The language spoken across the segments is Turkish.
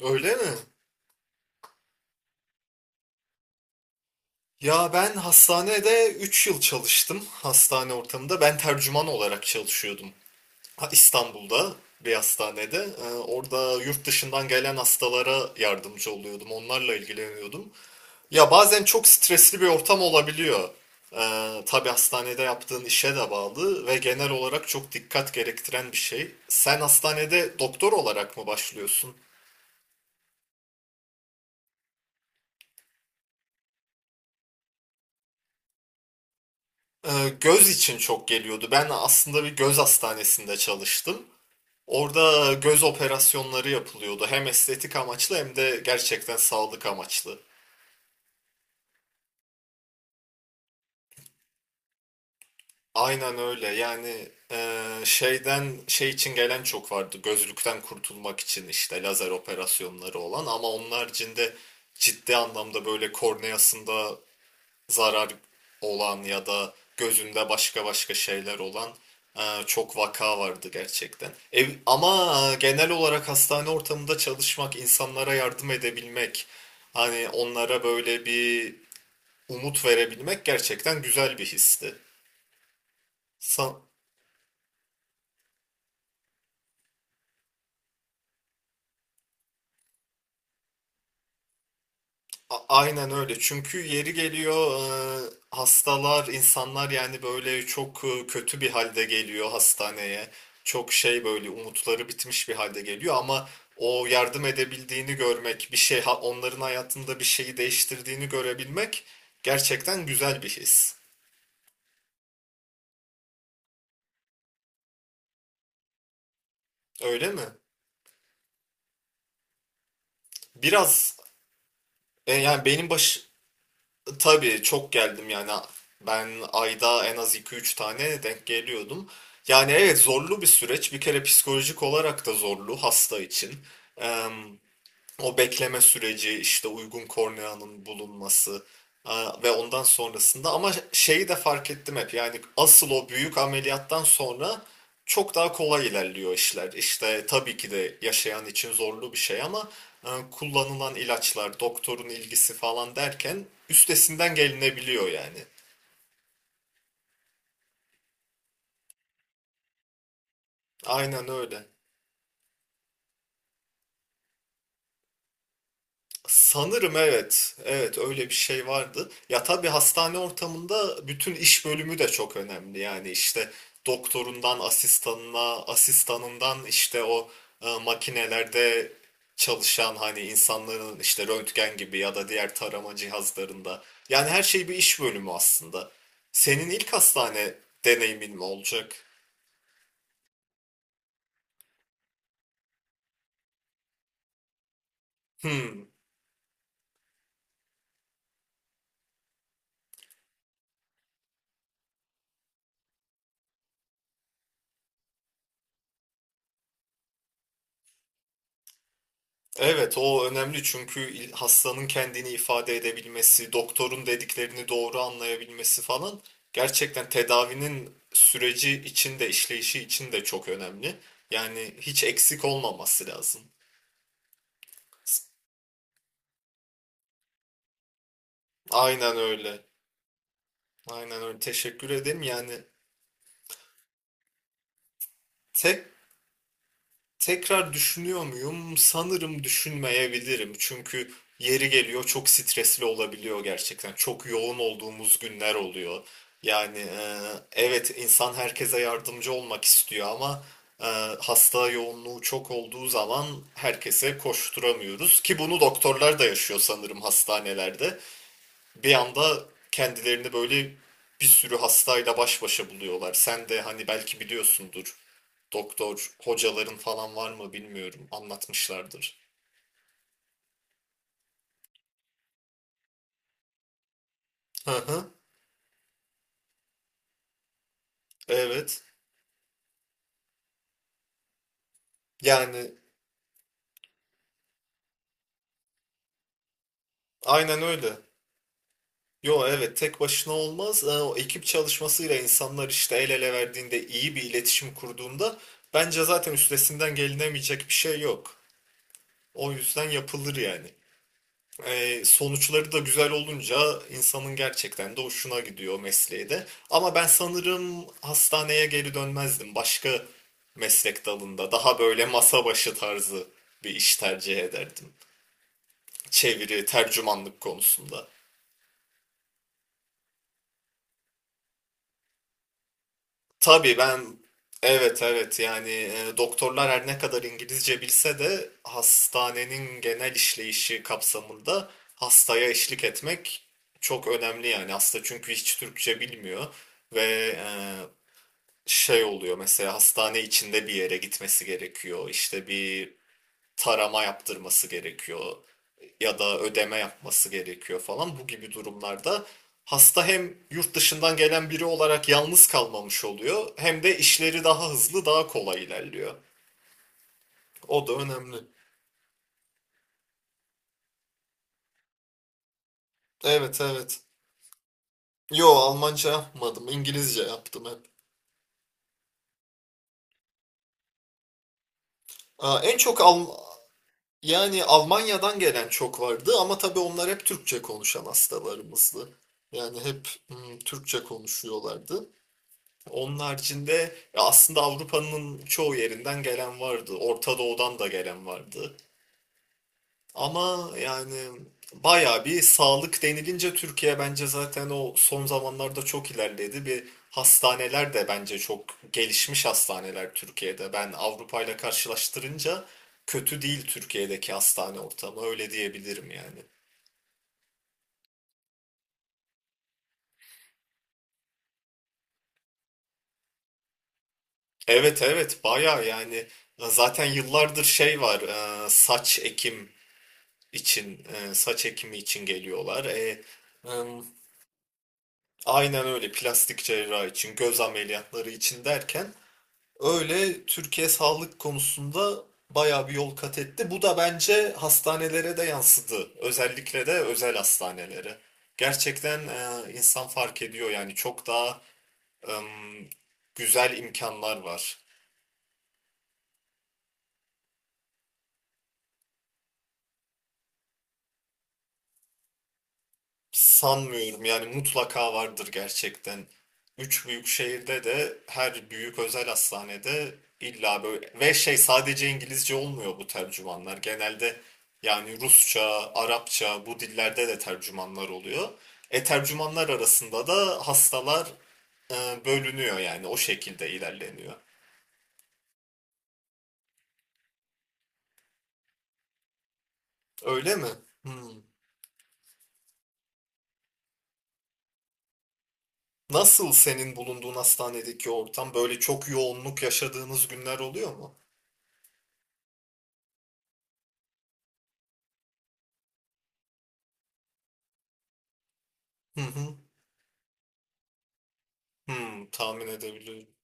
Öyle mi? Ya ben hastanede 3 yıl çalıştım. Hastane ortamında. Ben tercüman olarak çalışıyordum. Ha, İstanbul'da bir hastanede. Orada yurt dışından gelen hastalara yardımcı oluyordum. Onlarla ilgileniyordum. Ya bazen çok stresli bir ortam olabiliyor. Tabii hastanede yaptığın işe de bağlı ve genel olarak çok dikkat gerektiren bir şey. Sen hastanede doktor olarak mı başlıyorsun? Göz için çok geliyordu. Ben aslında bir göz hastanesinde çalıştım. Orada göz operasyonları yapılıyordu. Hem estetik amaçlı hem de gerçekten sağlık amaçlı. Aynen öyle. Yani şeyden şey için gelen çok vardı. Gözlükten kurtulmak için işte lazer operasyonları olan ama onun haricinde ciddi anlamda böyle korneasında zarar olan ya da gözünde başka başka şeyler olan e, çok vaka vardı gerçekten. Ama genel olarak hastane ortamında çalışmak, insanlara yardım edebilmek, hani onlara böyle bir umut verebilmek gerçekten güzel bir histi. Sa- Aynen öyle. Çünkü yeri geliyor hastalar, insanlar yani böyle çok kötü bir halde geliyor hastaneye. Çok şey böyle umutları bitmiş bir halde geliyor ama o yardım edebildiğini görmek, bir şey onların hayatında bir şeyi değiştirdiğini görebilmek gerçekten güzel bir his. Öyle mi? Biraz yani benim. Tabii çok geldim yani ben ayda en az iki üç tane denk geliyordum. Yani evet zorlu bir süreç bir kere psikolojik olarak da zorlu hasta için. O bekleme süreci, işte uygun korneanın bulunması ve ondan sonrasında ama şeyi de fark ettim hep yani asıl o büyük ameliyattan sonra çok daha kolay ilerliyor işler. İşte tabii ki de yaşayan için zorlu bir şey ama kullanılan ilaçlar, doktorun ilgisi falan derken üstesinden gelinebiliyor yani. Aynen öyle. Sanırım evet. Evet öyle bir şey vardı. Ya tabii hastane ortamında bütün iş bölümü de çok önemli. Yani işte doktorundan asistanına, asistanından işte o makinelerde çalışan hani insanların işte röntgen gibi ya da diğer tarama cihazlarında. Yani her şey bir iş bölümü aslında. Senin ilk hastane deneyimin mi olacak? Hmm. Evet, o önemli çünkü hastanın kendini ifade edebilmesi, doktorun dediklerini doğru anlayabilmesi falan gerçekten tedavinin süreci için de işleyişi için de çok önemli. Yani hiç eksik olmaması lazım. Aynen öyle. Aynen öyle. Teşekkür ederim. Yani tek Tekrar düşünüyor muyum? Sanırım düşünmeyebilirim. Çünkü yeri geliyor çok stresli olabiliyor gerçekten. Çok yoğun olduğumuz günler oluyor. Yani evet insan herkese yardımcı olmak istiyor ama e, hasta yoğunluğu çok olduğu zaman herkese koşturamıyoruz. Ki bunu doktorlar da yaşıyor sanırım hastanelerde. Bir anda kendilerini böyle bir sürü hastayla baş başa buluyorlar. Sen de hani belki biliyorsundur doktor hocaların falan var mı bilmiyorum. Anlatmışlardır. Hı hı. Evet. Yani aynen öyle. Yo evet tek başına olmaz. O ekip çalışmasıyla insanlar işte el ele verdiğinde iyi bir iletişim kurduğunda bence zaten üstesinden gelinemeyecek bir şey yok. O yüzden yapılır yani. Sonuçları da güzel olunca insanın gerçekten de hoşuna gidiyor mesleği de. Ama ben sanırım hastaneye geri dönmezdim. Başka meslek dalında daha böyle masa başı tarzı bir iş tercih ederdim. Çeviri, tercümanlık konusunda. Tabii ben evet evet yani doktorlar her ne kadar İngilizce bilse de hastanenin genel işleyişi kapsamında hastaya eşlik etmek çok önemli yani hasta çünkü hiç Türkçe bilmiyor ve e, şey oluyor mesela hastane içinde bir yere gitmesi gerekiyor işte bir tarama yaptırması gerekiyor ya da ödeme yapması gerekiyor falan. Bu gibi durumlarda hasta hem yurt dışından gelen biri olarak yalnız kalmamış oluyor hem de işleri daha hızlı, daha kolay ilerliyor. O da önemli. Evet evet. Yo Almanca yapmadım. İngilizce yaptım hep. En çok yani Almanya'dan gelen çok vardı ama tabii onlar hep Türkçe konuşan hastalarımızdı. Yani hep Türkçe konuşuyorlardı. Onun haricinde aslında Avrupa'nın çoğu yerinden gelen vardı. Orta Doğu'dan da gelen vardı. Ama yani bayağı bir sağlık denilince Türkiye bence zaten o son zamanlarda çok ilerledi. Bir hastaneler de bence çok gelişmiş hastaneler Türkiye'de. Ben Avrupa ile karşılaştırınca kötü değil Türkiye'deki hastane ortamı öyle diyebilirim yani. Evet evet bayağı yani zaten yıllardır şey var saç ekimi için geliyorlar. Im, aynen öyle plastik cerrahi için, göz ameliyatları için derken öyle Türkiye sağlık konusunda bayağı bir yol kat etti. Bu da bence hastanelere de yansıdı. Özellikle de özel hastanelere. Gerçekten insan fark ediyor yani çok daha ım, güzel imkanlar var. Sanmıyorum yani mutlaka vardır gerçekten. Üç büyük şehirde de her büyük özel hastanede illa böyle ve şey sadece İngilizce olmuyor bu tercümanlar. Genelde yani Rusça, Arapça bu dillerde de tercümanlar oluyor. Tercümanlar arasında da hastalar bölünüyor yani o şekilde ilerleniyor. Öyle mi? Hmm. Nasıl senin bulunduğun hastanedeki ortam böyle çok yoğunluk yaşadığınız günler oluyor mu? Hı hı. Hmm, tahmin edebiliyorum.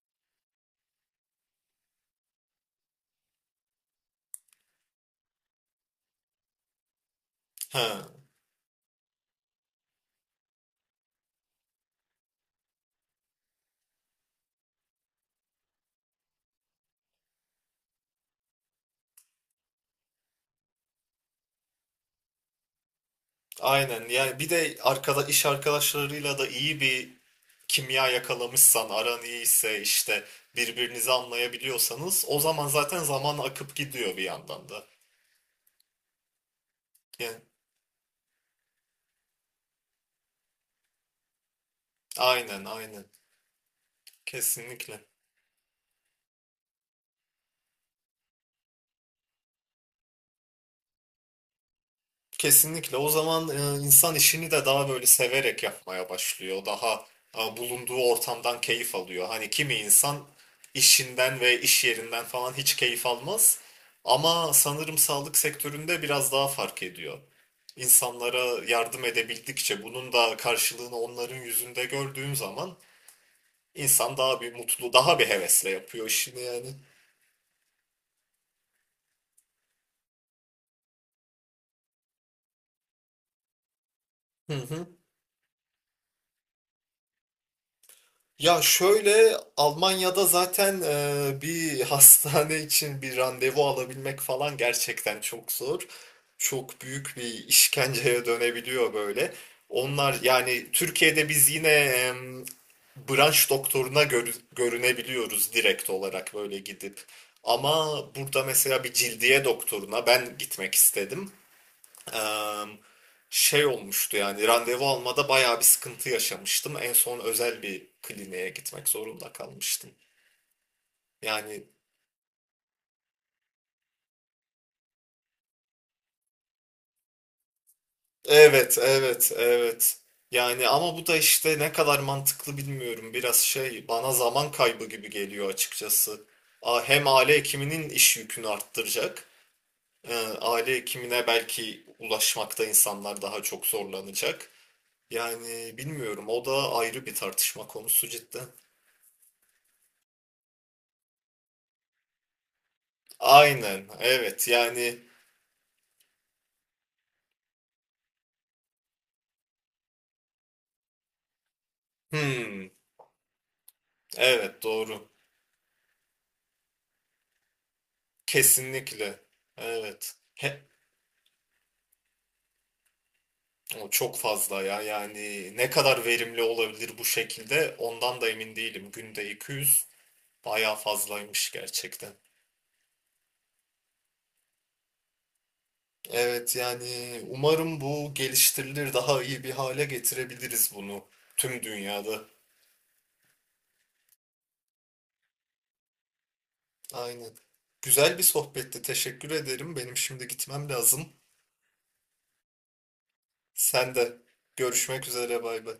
Ha, aynen. Yani bir de arkada iş arkadaşlarıyla da iyi bir kimya yakalamışsan, aran iyiyse işte birbirinizi anlayabiliyorsanız o zaman zaten zaman akıp gidiyor bir yandan da. Yani, aynen aynen. Kesinlikle. Kesinlikle. O zaman insan işini de daha böyle severek yapmaya başlıyor. Daha bulunduğu ortamdan keyif alıyor. Hani kimi insan işinden ve iş yerinden falan hiç keyif almaz. Ama sanırım sağlık sektöründe biraz daha fark ediyor. İnsanlara yardım edebildikçe bunun da karşılığını onların yüzünde gördüğüm zaman insan daha bir mutlu, daha bir hevesle yapıyor işini yani. Hı hı. Ya şöyle Almanya'da zaten bir hastane için bir randevu alabilmek falan gerçekten çok zor. Çok büyük bir işkenceye dönebiliyor böyle. Onlar yani Türkiye'de biz yine branş doktoruna görünebiliyoruz direkt olarak böyle gidip. Ama burada mesela bir cildiye doktoruna ben gitmek istedim şey olmuştu yani randevu almada bayağı bir sıkıntı yaşamıştım. En son özel bir kliniğe gitmek zorunda kalmıştım. Yani evet evet evet. Yani ama bu da işte ne kadar mantıklı bilmiyorum. Biraz şey bana zaman kaybı gibi geliyor açıkçası. Hem aile hekiminin iş yükünü arttıracak. e, Aile hekimine belki ulaşmakta insanlar daha çok zorlanacak. Yani bilmiyorum o da ayrı bir tartışma konusu cidden. Aynen evet Hmm. Evet doğru. Kesinlikle. Evet. O çok fazla ya. Yani ne kadar verimli olabilir bu şekilde ondan da emin değilim. Günde 200 bayağı fazlaymış gerçekten. Evet yani umarım bu geliştirilir daha iyi bir hale getirebiliriz bunu tüm dünyada. Aynen. Güzel bir sohbetti. Teşekkür ederim. Benim şimdi gitmem lazım. Sen de görüşmek üzere bay bay.